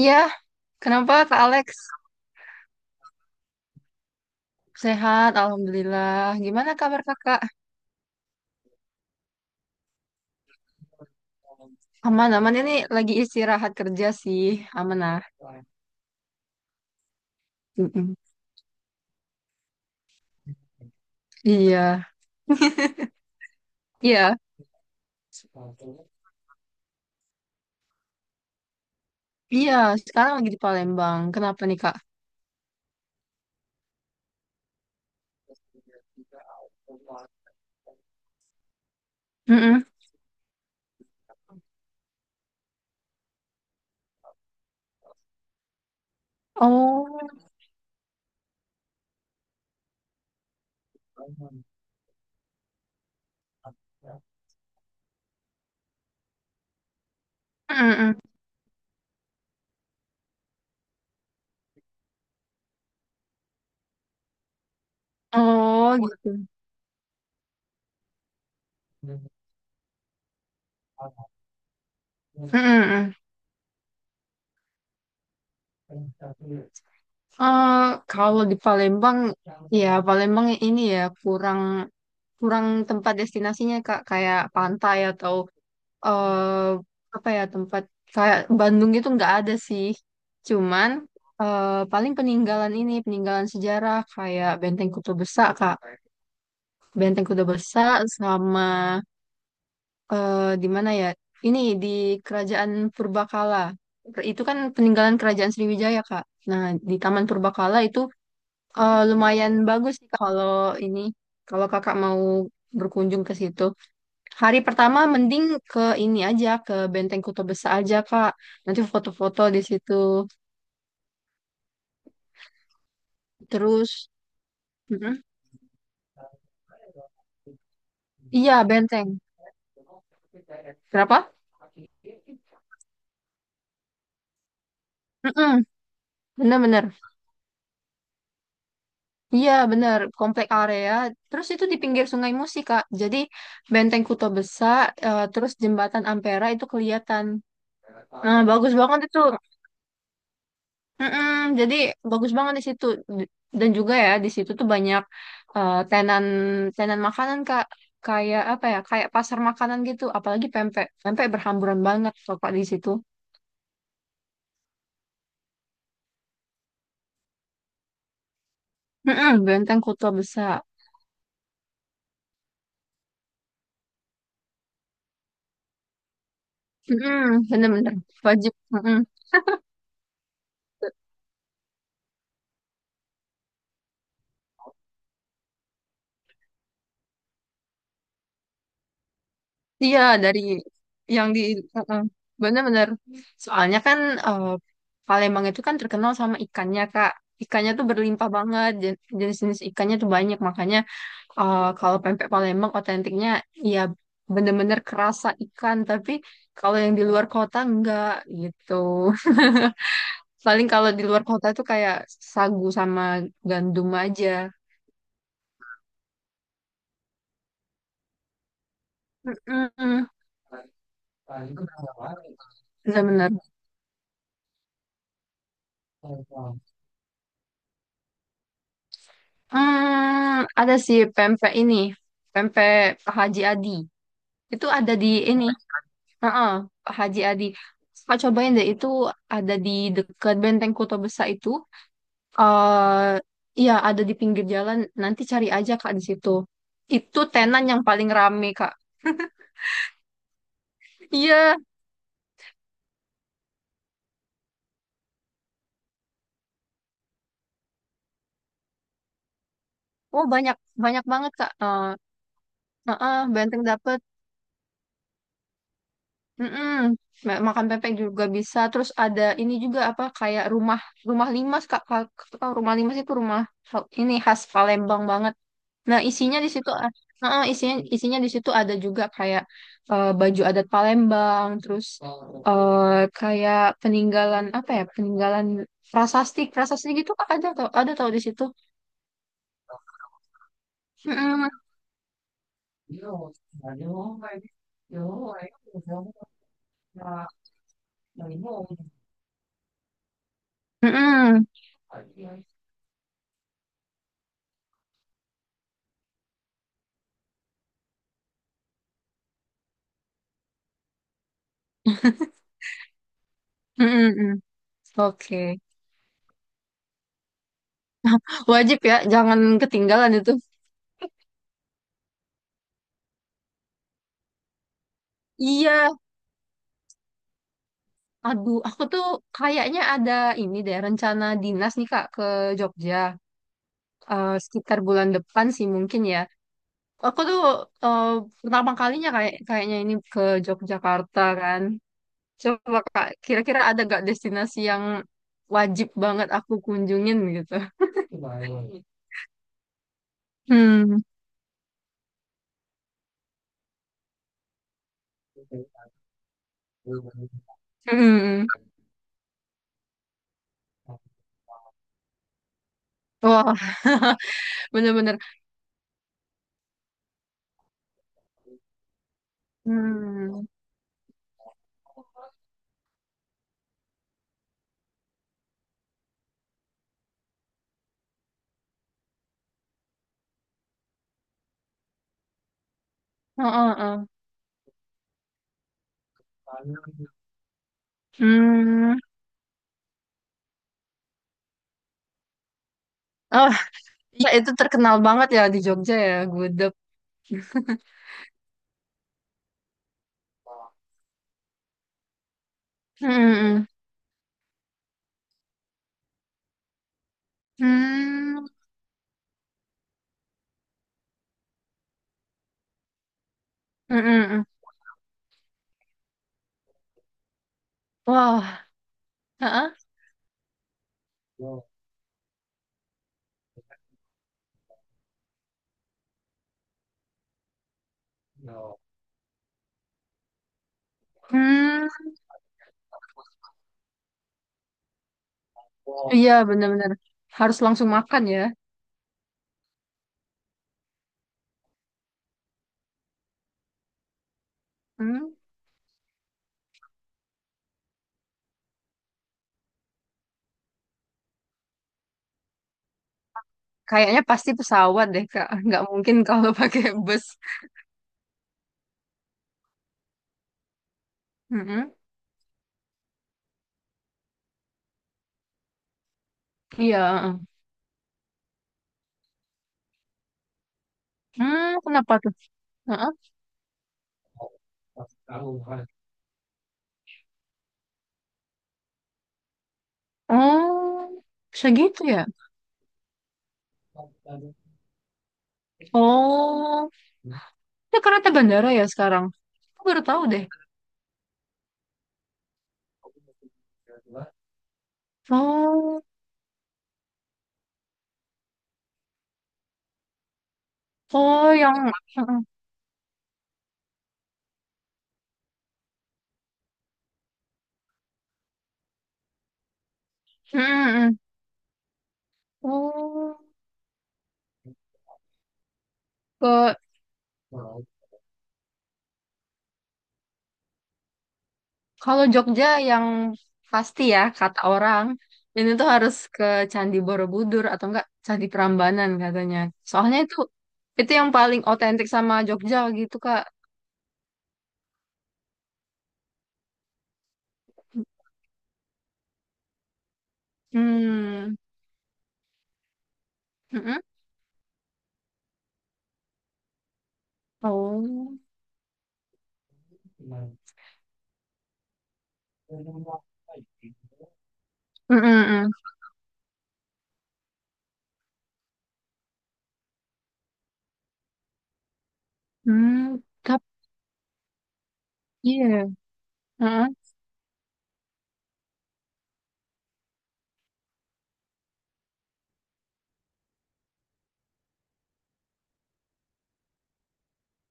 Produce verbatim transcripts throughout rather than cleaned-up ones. Iya, kenapa Kak Alex? Sehat, Alhamdulillah. Gimana kabar Kakak? Aman, aman. Ini lagi istirahat kerja sih. Aman ah. Mm-mm. Iya, iya, iya. Sekarang lagi di Palembang. Kenapa nih Kak? Mm-mm. Oh. Mm-mm. Oh, gitu. Mm-mm. Eh, Kalau di Palembang, ya Palembang ini ya kurang kurang tempat destinasinya Kak. Kayak pantai atau eh apa ya tempat kayak Bandung gitu nggak ada sih. Cuman eh, paling peninggalan ini peninggalan sejarah kayak Benteng Kuto Besar Kak. Benteng Kuto Besar sama, eh, di mana ya? Ini di Kerajaan Purbakala. Per- Itu kan peninggalan Kerajaan Sriwijaya Kak. Nah, di Taman Purbakala itu eh, lumayan bagus sih Kak, kalau ini kalau kakak mau berkunjung ke situ. Hari pertama mending ke ini aja, ke Benteng Kota Besar aja, Kak. Nanti foto-foto di situ. Terus. Mm-mm. Iya, benteng. Kenapa? Mm-mm. Bener-bener. Iya, bener. Komplek area. Terus itu di pinggir Sungai Musi, Kak. Jadi Benteng Kuto Besar, eh, terus Jembatan Ampera itu kelihatan. Nah, bagus banget itu. Mm-mm, jadi bagus banget di situ. D- dan juga ya di situ tuh banyak eh, tenan tenan makanan kak, kayak apa ya, kayak pasar makanan gitu. Apalagi pempek pempek berhamburan banget kok kak di situ. Mm-mm. Benteng Kota Besar. Mm-mm, bener-bener wajib. Mm-mm. Iya, dari yang di. Uh-uh. Bener-bener. Soalnya kan, eh, Palembang itu kan terkenal sama ikannya, Kak. Ikannya tuh berlimpah banget, jen- jenis-jenis ikannya tuh banyak. Makanya eh, kalau pempek Palembang otentiknya ya bener-bener kerasa ikan. Tapi kalau yang di luar kota enggak gitu. Paling kalau di luar kota tuh kayak sagu sama gandum aja. Mm-mm. Bener-bener. Hmm, ada sih pempek ini, pempek Pak Haji Adi. Itu ada di ini, heeh, Pak Haji Adi. Pak cobain deh, itu ada di dekat Benteng Kota Besar itu. eh Iya, ada di pinggir jalan. Nanti cari aja Kak di situ. Itu tenan yang paling rame Kak. Iya, oh, banyak, banyak banget Kak. Eh, heeh, Benteng dapur. Mm-mm. Ma- Makan pempek juga bisa. Terus ada ini juga apa kayak rumah rumah limas kak, Kak- Kak, rumah limas itu rumah ha- ini khas Palembang banget. Nah, isinya di situ, ah, ah, isinya isinya di situ ada juga kayak eh, baju adat Palembang, terus eh, kayak peninggalan apa ya peninggalan prasasti prasasti gitu kak, ada tau ada tau di situ. Mm-mm. Mm-mm. Mm-mm. Oke. Wajib ya, jangan ketinggalan itu. Iya. Aduh, aku tuh kayaknya ada ini deh rencana dinas nih Kak ke Jogja, eh, sekitar bulan depan sih mungkin ya. Aku tuh eh, pertama kalinya kayak kayaknya ini ke Yogyakarta kan. Coba Kak, kira-kira ada gak destinasi yang wajib banget aku kunjungin gitu? Hmm, hmm. Wah, bener-bener. Hmm. Oh, oh, oh. Hmm. Oh, ya itu terkenal banget ya di Jogja ya, gudeg. Hmm, hmm. Hmm. Mm-mm. Wah. Heeh. Hmm, iya, benar-benar harus langsung makan ya. Hmm, kayaknya pasti pesawat deh Kak, nggak mungkin kalau pakai bus. Mm-mm. Iya. Hmm, kenapa tuh? Heeh. Oh, segitu ya. Oh, itu karena ada bandara ya sekarang. Aku baru tahu deh. Oh, oh yang, heeh. Mm-mm. Oh, ke Kalau Jogja yang pasti ya kata orang ini tuh harus ke Candi Borobudur atau enggak Candi Prambanan katanya. Soalnya itu itu yang paling otentik sama Jogja gitu Kak. Hmm. Mm-mm. Oh. Mm-mm-mm. Hmm. Tapi iya. Mm-mm.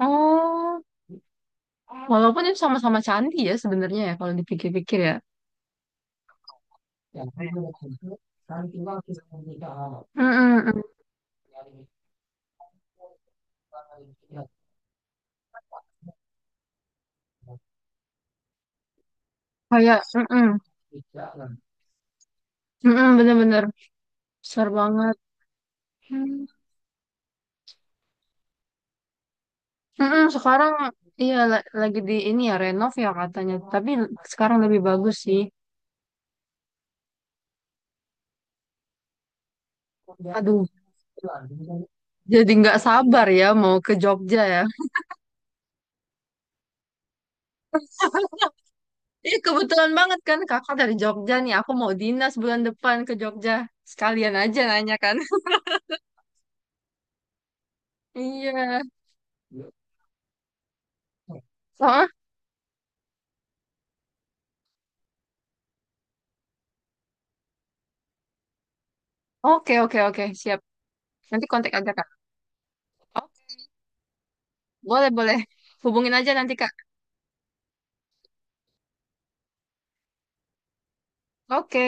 Oh. Walaupun itu sama-sama candi ya sebenarnya ya kalau dipikir-pikir ya. Mm-mm-mm. Kayak mm-mm. Mm-mm, bener-bener besar banget. Hmm. Mm-mm, sekarang iya la- lagi di ini ya renov ya katanya. Tapi sekarang lebih bagus sih. Aduh, jadi nggak sabar ya mau ke Jogja ya. Iya, kebetulan banget kan kakak dari Jogja nih. Aku mau dinas bulan depan ke Jogja. Sekalian aja nanya kan. Iya. Hah? Oke, oke, oke, siap. Nanti kontak aja kak. Oke. Boleh, boleh. Hubungin aja nanti kak. Oke.